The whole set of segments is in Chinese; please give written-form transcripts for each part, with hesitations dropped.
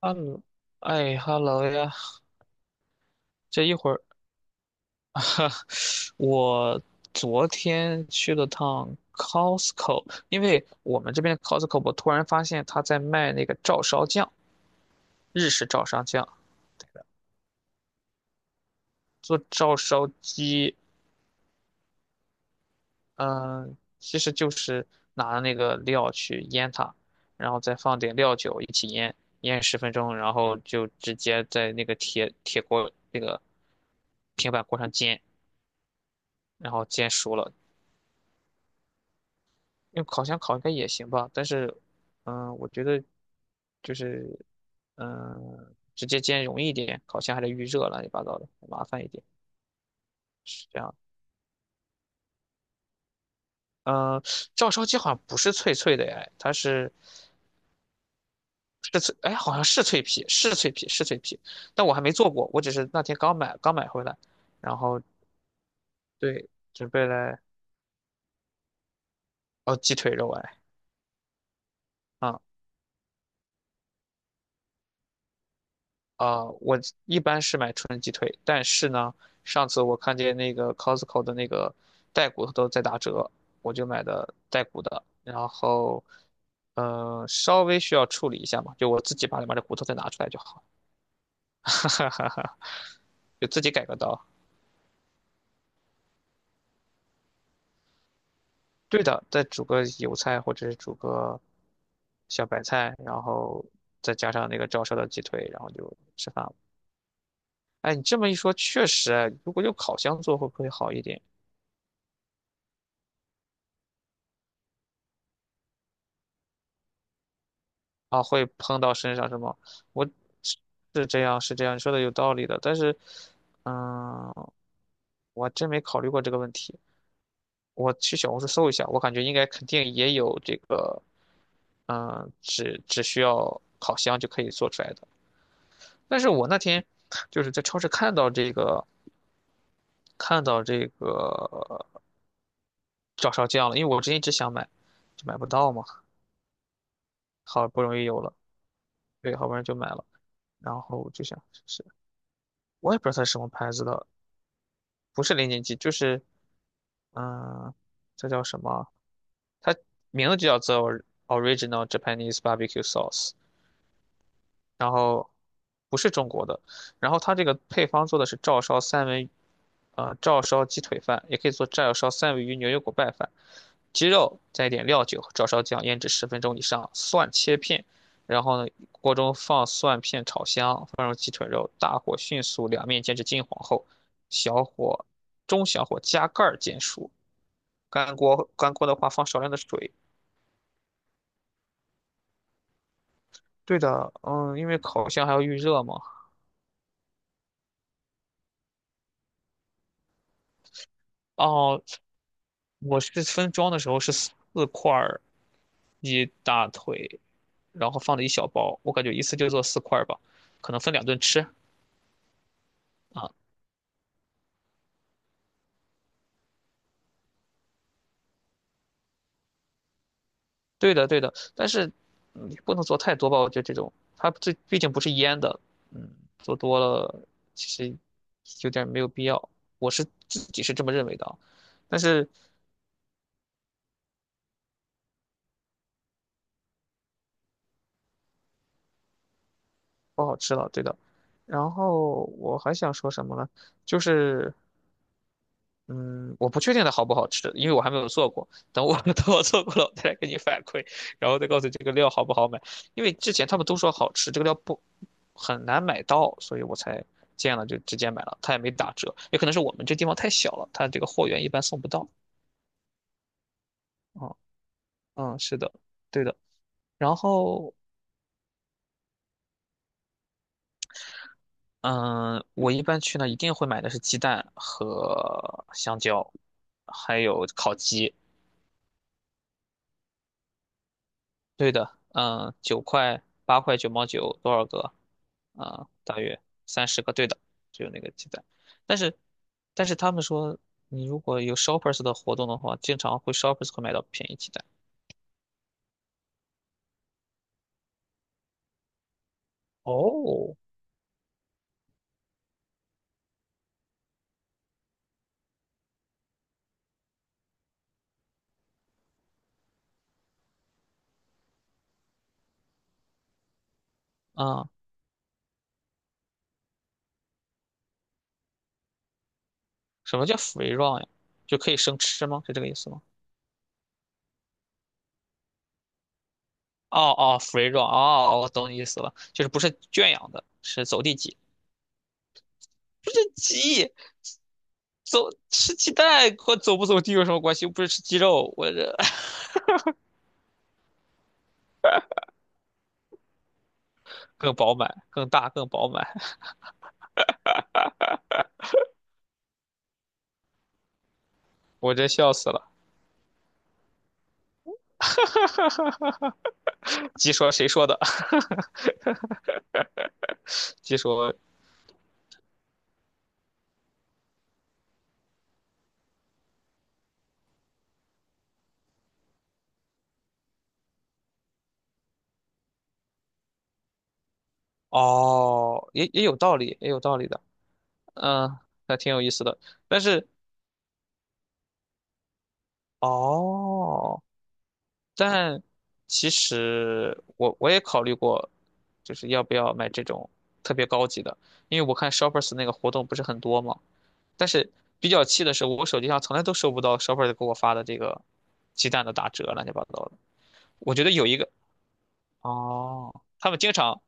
哈喽，哎哈喽呀！这一会儿，哈我昨天去了趟 Costco，因为我们这边 Costco，我突然发现他在卖那个照烧酱，日式照烧酱，做照烧鸡，嗯、其实就是拿那个料去腌它，然后再放点料酒一起腌，腌十分钟，然后就直接在那个铁锅那个平板锅上煎，然后煎熟了，用烤箱烤应该也行吧，但是，我觉得就是，直接煎容易一点，烤箱还得预热，乱七八糟的，麻烦一点，是这样。嗯、照烧鸡好像不是脆脆的哎，是脆，哎，好像是脆皮，是脆皮，是脆皮，但我还没做过，我只是那天刚买回来，然后对，准备来哦鸡腿肉哎，啊我一般是买纯鸡腿，但是呢，上次我看见那个 Costco 的那个带骨头都在打折，我就买的带骨的，然后，稍微需要处理一下嘛，就我自己把里面的骨头再拿出来就好，哈哈哈，就自己改个刀。对的，再煮个油菜或者是煮个小白菜，然后再加上那个照烧的鸡腿，然后就吃饭了。哎，你这么一说，确实，哎如果用烤箱做会不会好一点？啊，会碰到身上是吗？我是是这样，是这样，你说的有道理的，但是，嗯，我还真没考虑过这个问题。我去小红书搜一下，我感觉应该肯定也有这个，嗯，只需要烤箱就可以做出来的。但是我那天就是在超市看到这个，看到这个照烧酱了，因为我之前一直想买，就买不到嘛，好不容易有了，对，好不容易就买了，然后就想试试。我也不知道它是什么牌子的，不是零零七，就是嗯，这叫什么？它名字就叫做 Original Japanese Barbecue Sauce，然后不是中国的，然后它这个配方做的是照烧三文，照烧鸡腿饭，也可以做照烧三文鱼牛油果拌饭，鸡肉加一点料酒和照烧酱腌制十分钟以上，蒜切片，然后呢，锅中放蒜片炒香，放入鸡腿肉，大火迅速两面煎至金黄后，小火。中小火加盖儿煎熟，干锅的话放少量的水。对的，嗯，因为烤箱还要预热嘛。哦，我是分装的时候是四块儿鸡大腿，然后放了一小包，我感觉一次就做四块儿吧，可能分两顿吃啊。对的，对的，但是嗯也不能做太多吧，我觉得这种它这毕竟不是腌的，嗯，做多了其实有点没有必要，我是自己是这么认为的啊。但是不好吃了，对的。然后我还想说什么呢？就是，嗯，我不确定它好不好吃，因为我还没有做过。等我 等我做过了，我再来给你反馈，然后再告诉你这个料好不好买。因为之前他们都说好吃，这个料不很难买到，所以我才见了就直接买了，它也没打折。也可能是我们这地方太小了，它这个货源一般送不到。啊，嗯，是的，对的。然后嗯，我一般去呢，一定会买的是鸡蛋和香蕉，还有烤鸡。对的，嗯，九块、八块、九毛九，多少个？大约30个。对的，只有那个鸡蛋。但是，但是他们说，你如果有 Shoppers 的活动的话，经常会 Shoppers 会买到便宜鸡蛋。哦，啊、什么叫 free run 呀？就可以生吃吗？是这个意思吗？哦哦，free run，哦，哦我懂你意思了，就是不是圈养的，是走地鸡。不是鸡，走吃鸡蛋和走不走地有什么关系？又不是吃鸡肉，我这更饱满、更大、更饱满，我这笑死了。鸡说谁说的？鸡说哦，也也有道理，也有道理的，嗯，还挺有意思的。但是哦，但其实我也考虑过，就是要不要买这种特别高级的，因为我看 Shoppers 那个活动不是很多嘛。但是比较气的是，我手机上从来都收不到 Shopper 给我发的这个鸡蛋的打折，乱七八糟的。我觉得有一个哦，他们经常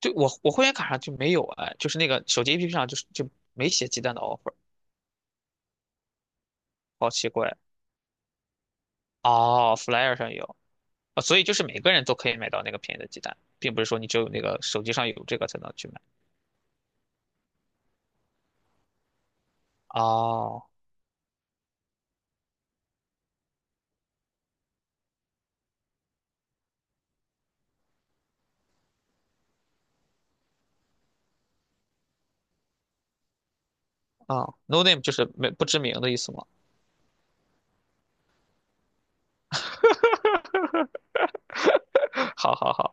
就我会员卡上就没有哎，就是那个手机 APP 上就没写鸡蛋的 offer，好奇怪。哦，Flyer 上有啊，所以就是每个人都可以买到那个便宜的鸡蛋，并不是说你只有那个手机上有这个才能去买。哦，啊，No name 就是没不知名的意思吗？好好好，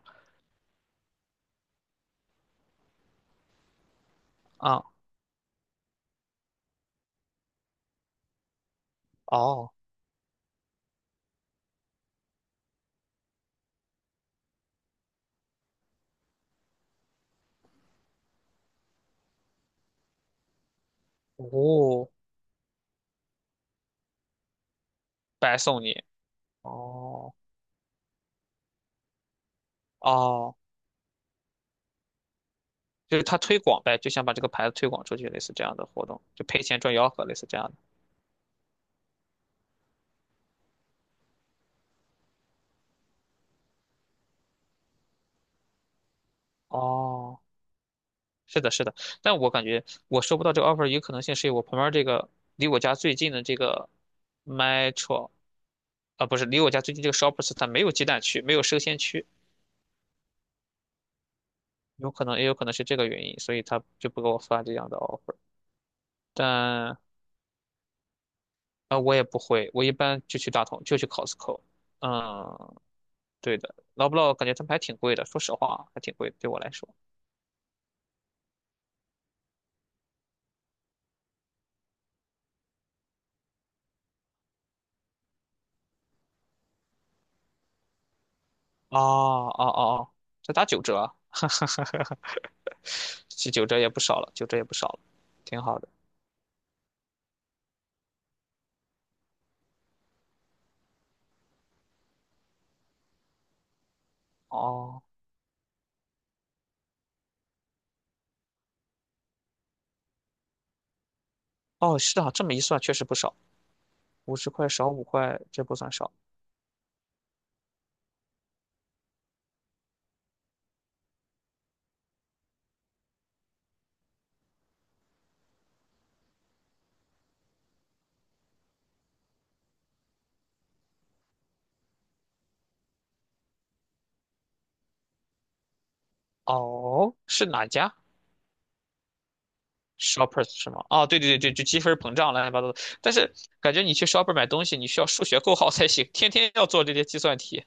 啊，哦，哦，白送你。哦哦，就是他推广呗，就想把这个牌子推广出去，类似这样的活动，就赔钱赚吆喝，类似这样的。哦，是的，是的，但我感觉我收不到这个 offer 一个可能性是我旁边这个离我家最近的这个 Metro 啊，不是离我家最近这个 Shoppers 它没有鸡蛋区，没有生鲜区，有可能也有可能是这个原因，所以他就不给我发这样的 offer。但啊、我也不会，我一般就去大同，就去 Costco。嗯，对的，劳布劳感觉他们还挺贵的，说实话还挺贵的，对我来说。哦哦哦哦，这打九折啊，这九折也不少了，九折也不少了，挺好的。哦哦，是啊，这么一算确实不少，50块少5块，这不算少。哦，是哪家？Shoppers 是吗？啊，对对对对，就积分膨胀乱七八糟的。但是感觉你去 Shopper 买东西，你需要数学够好才行，天天要做这些计算题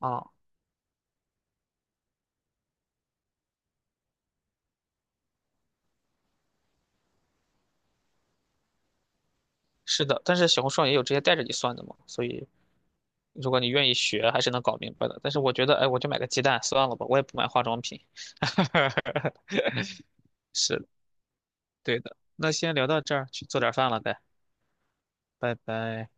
啊。是的，但是小红书上也有直接带着你算的嘛，所以如果你愿意学，还是能搞明白的。但是我觉得，哎，我就买个鸡蛋算了吧，我也不买化妆品。是的，对的。那先聊到这儿，去做点饭了，呗，拜拜。